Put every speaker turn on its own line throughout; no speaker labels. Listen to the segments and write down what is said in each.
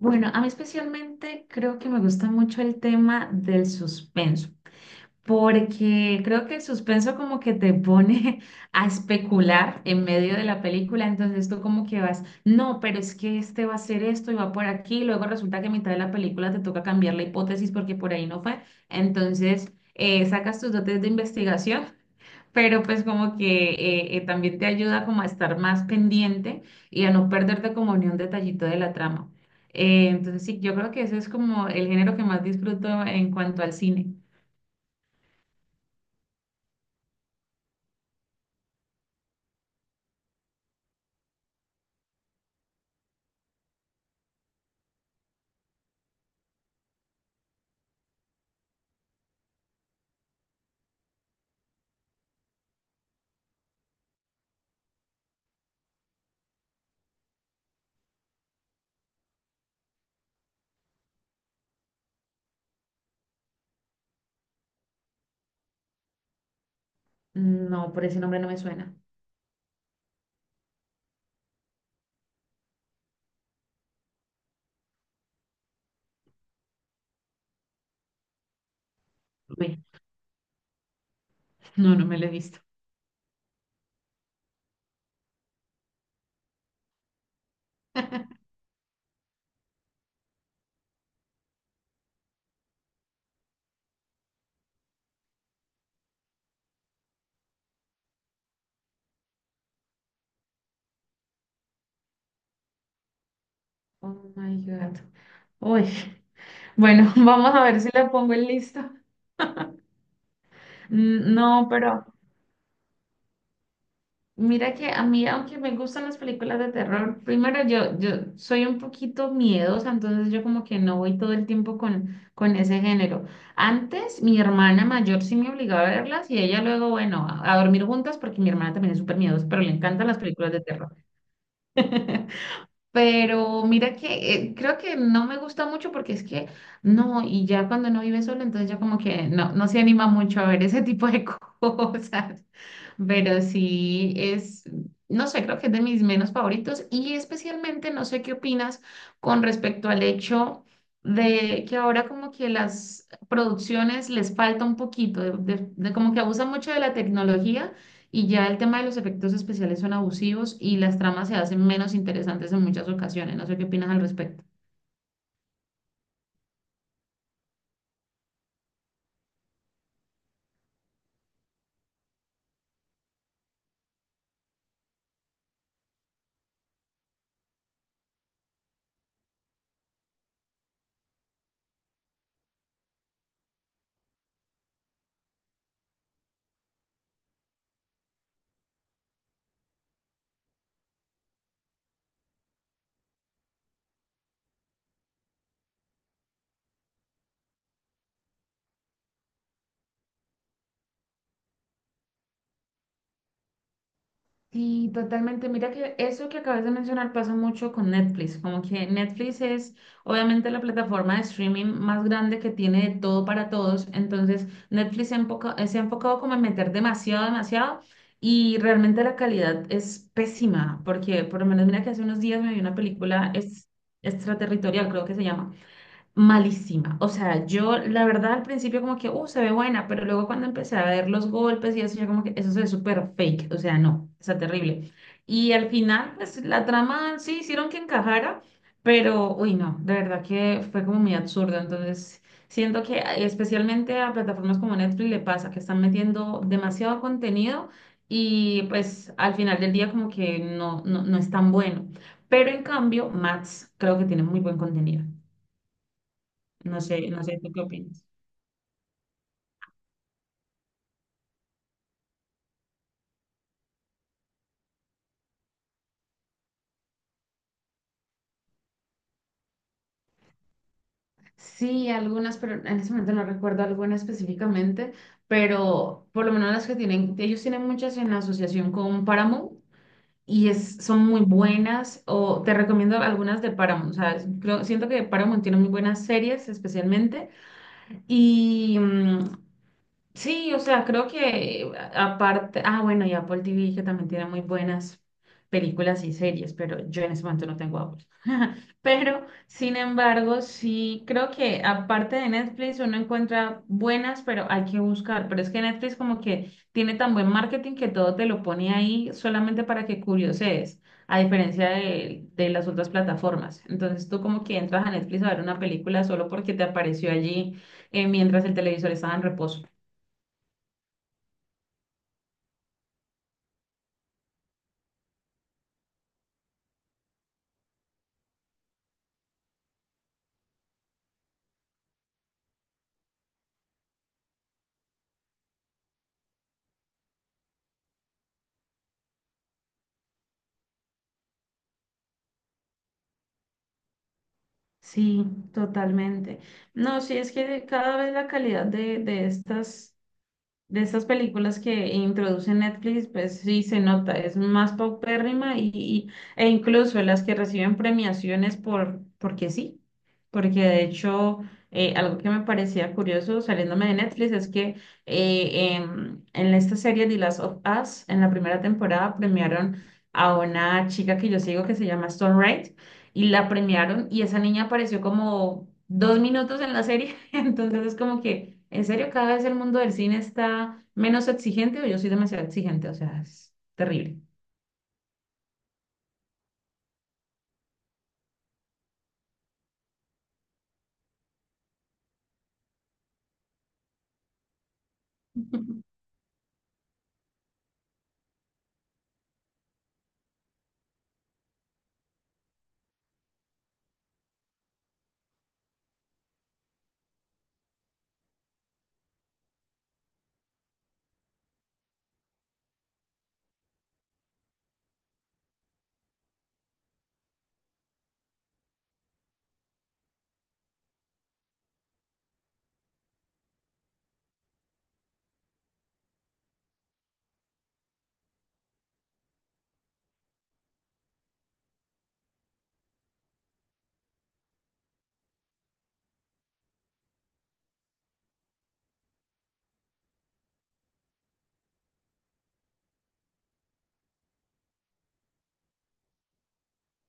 Bueno, a mí especialmente creo que me gusta mucho el tema del suspenso, porque creo que el suspenso como que te pone a especular en medio de la película, entonces tú como que vas, no, pero es que este va a hacer esto y va por aquí, luego resulta que a mitad de la película te toca cambiar la hipótesis porque por ahí no fue, entonces sacas tus dotes de investigación, pero pues como que también te ayuda como a estar más pendiente y a no perderte como ni un detallito de la trama. Entonces sí, yo creo que ese es como el género que más disfruto en cuanto al cine. No, por ese nombre no me suena. Ve, no, no me lo he visto. Oh my God. Uy. Bueno, vamos a ver si la pongo en lista. Mm, no, pero mira que a mí, aunque me gustan las películas de terror, primero yo soy un poquito miedosa, entonces yo como que no voy todo el tiempo con ese género. Antes mi hermana mayor sí me obligaba a verlas y ella luego, bueno, a dormir juntas porque mi hermana también es súper miedosa, pero le encantan las películas de terror. Pero mira que creo que no me gusta mucho porque es que no, y ya cuando no vive solo, entonces ya como que no, no se anima mucho a ver ese tipo de cosas, pero sí es, no sé, creo que es de mis menos favoritos y especialmente no sé qué opinas con respecto al hecho de que ahora como que las producciones les falta un poquito, de como que abusan mucho de la tecnología y ya el tema de los efectos especiales son abusivos y las tramas se hacen menos interesantes en muchas ocasiones. No sé qué opinas al respecto. Sí, totalmente. Mira que eso que acabas de mencionar pasa mucho con Netflix. Como que Netflix es obviamente la plataforma de streaming más grande que tiene de todo para todos. Entonces, Netflix se ha enfocado como en meter demasiado, demasiado. Y realmente la calidad es pésima. Porque por lo menos mira que hace unos días me vi una película es, extraterritorial, creo que se llama, malísima. O sea, yo la verdad al principio como que, se ve buena, pero luego cuando empecé a ver los golpes y eso, yo como que eso se ve súper fake. O sea, no, está terrible. Y al final, pues la trama sí hicieron que encajara, pero, uy, no, de verdad que fue como muy absurdo. Entonces, siento que especialmente a plataformas como Netflix le pasa que están metiendo demasiado contenido y pues al final del día como que no, no, no es tan bueno. Pero en cambio, Max creo que tiene muy buen contenido. No sé, no sé, ¿tú qué opinas? Sí, algunas, pero en ese momento no recuerdo alguna específicamente, pero por lo menos las que tienen, ellos tienen muchas en asociación con Paramount y es, son muy buenas, o te recomiendo algunas de Paramount, o sea, siento que Paramount tiene muy buenas series especialmente y sí, o sea, creo que aparte, ah, bueno, y Apple TV que también tiene muy buenas películas y series, pero yo en ese momento no tengo Apple. Pero, sin embargo, sí, creo que aparte de Netflix uno encuentra buenas, pero hay que buscar. Pero es que Netflix como que tiene tan buen marketing que todo te lo pone ahí solamente para que curiosees, a diferencia de las otras plataformas. Entonces tú como que entras a Netflix a ver una película solo porque te apareció allí mientras el televisor estaba en reposo. Sí, totalmente. No, sí, es que cada vez la calidad de estas películas que introduce Netflix, pues sí se nota, es más paupérrima e incluso las que reciben premiaciones porque sí, porque de hecho algo que me parecía curioso saliéndome de Netflix es que en esta serie The Last of Us, en la primera temporada premiaron a una chica que yo sigo que se llama Stone y la premiaron y esa niña apareció como 2 minutos en la serie, entonces es como que, en serio, cada vez el mundo del cine está menos exigente o yo soy demasiado exigente, o sea, es terrible.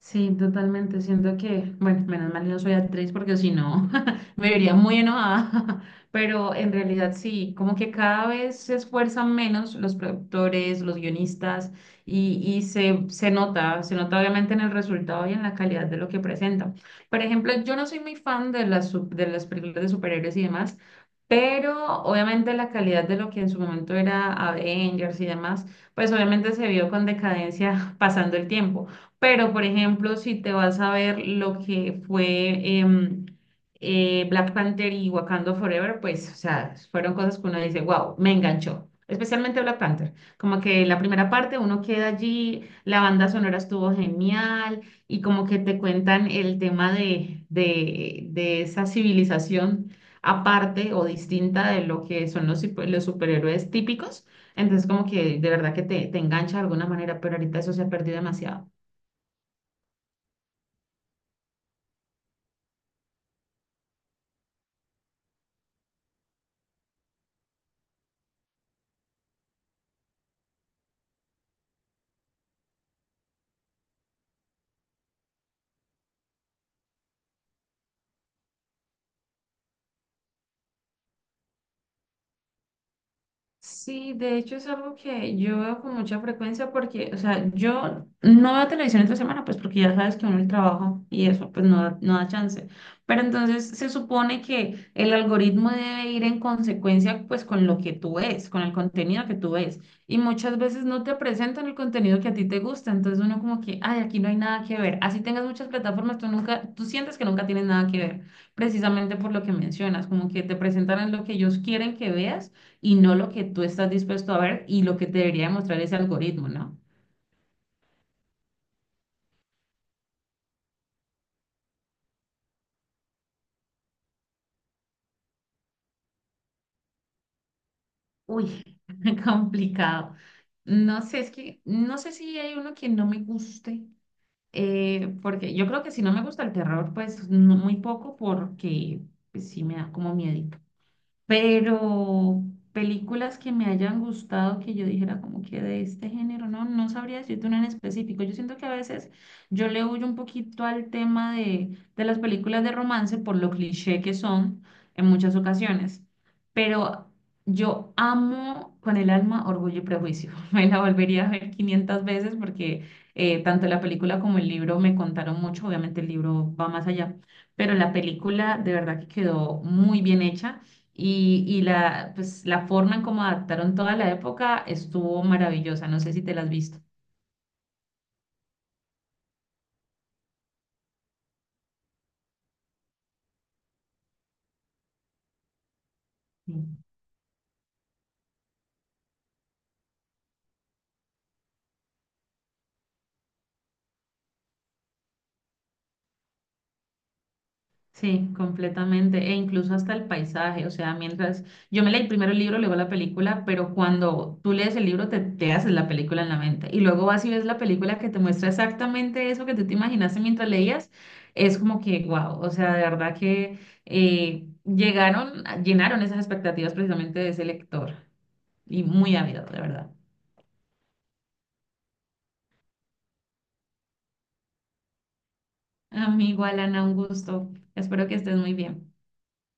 Sí, totalmente. Siento que, bueno, menos mal yo no soy actriz porque si no me vería muy enojada. Pero en realidad sí, como que cada vez se esfuerzan menos los productores, los guionistas y se nota obviamente en el resultado y en la calidad de lo que presentan. Por ejemplo, yo no soy muy fan de de las películas de superhéroes y demás, pero obviamente la calidad de lo que en su momento era Avengers y demás, pues obviamente se vio con decadencia pasando el tiempo. Pero, por ejemplo, si te vas a ver lo que fue Black Panther y Wakanda Forever, pues, o sea, fueron cosas que uno dice, wow, me enganchó. Especialmente Black Panther. Como que la primera parte uno queda allí, la banda sonora estuvo genial y como que te cuentan el tema de esa civilización aparte o distinta de lo que son los superhéroes típicos. Entonces, como que de verdad que te engancha de alguna manera, pero ahorita eso se ha perdido demasiado. Sí, de hecho es algo que yo veo con mucha frecuencia porque, o sea, yo no veo televisión entre semana, pues porque ya sabes que uno el trabajo y eso, pues no da, no da chance. Pero entonces se supone que el algoritmo debe ir en consecuencia, pues con lo que tú ves, con el contenido que tú ves. Y muchas veces no te presentan el contenido que a ti te gusta. Entonces uno como que, ay, aquí no hay nada que ver. Así tengas muchas plataformas, tú sientes que nunca tienes nada que ver, precisamente por lo que mencionas, como que te presentan lo que ellos quieren que veas y no lo que tú estás dispuesto a ver y lo que te debería demostrar ese algoritmo, ¿no? Uy, complicado. No sé, es que no sé si hay uno que no me guste, porque yo creo que si no me gusta el terror, pues muy poco, porque pues, sí me da como miedo. Pero películas que me hayan gustado, que yo dijera como que de este género, no, no sabría decirte una en específico. Yo siento que a veces yo le huyo un poquito al tema de las películas de romance por lo cliché que son en muchas ocasiones. Pero yo amo con el alma Orgullo y Prejuicio. Me la volvería a ver 500 veces porque tanto la película como el libro me contaron mucho. Obviamente el libro va más allá, pero la película de verdad que quedó muy bien hecha. Y la, pues, la forma en cómo adaptaron toda la época estuvo maravillosa. No sé si te la has visto. Sí. Sí, completamente. E incluso hasta el paisaje. O sea, mientras yo me leí primero el libro, luego la película, pero cuando tú lees el libro te haces la película en la mente. Y luego vas y ves la película que te muestra exactamente eso que tú te imaginaste mientras leías. Es como que, wow. O sea, de verdad que llenaron esas expectativas precisamente de ese lector. Y muy ávido, de verdad. Amigo Alana, un gusto. Espero que estés muy bien.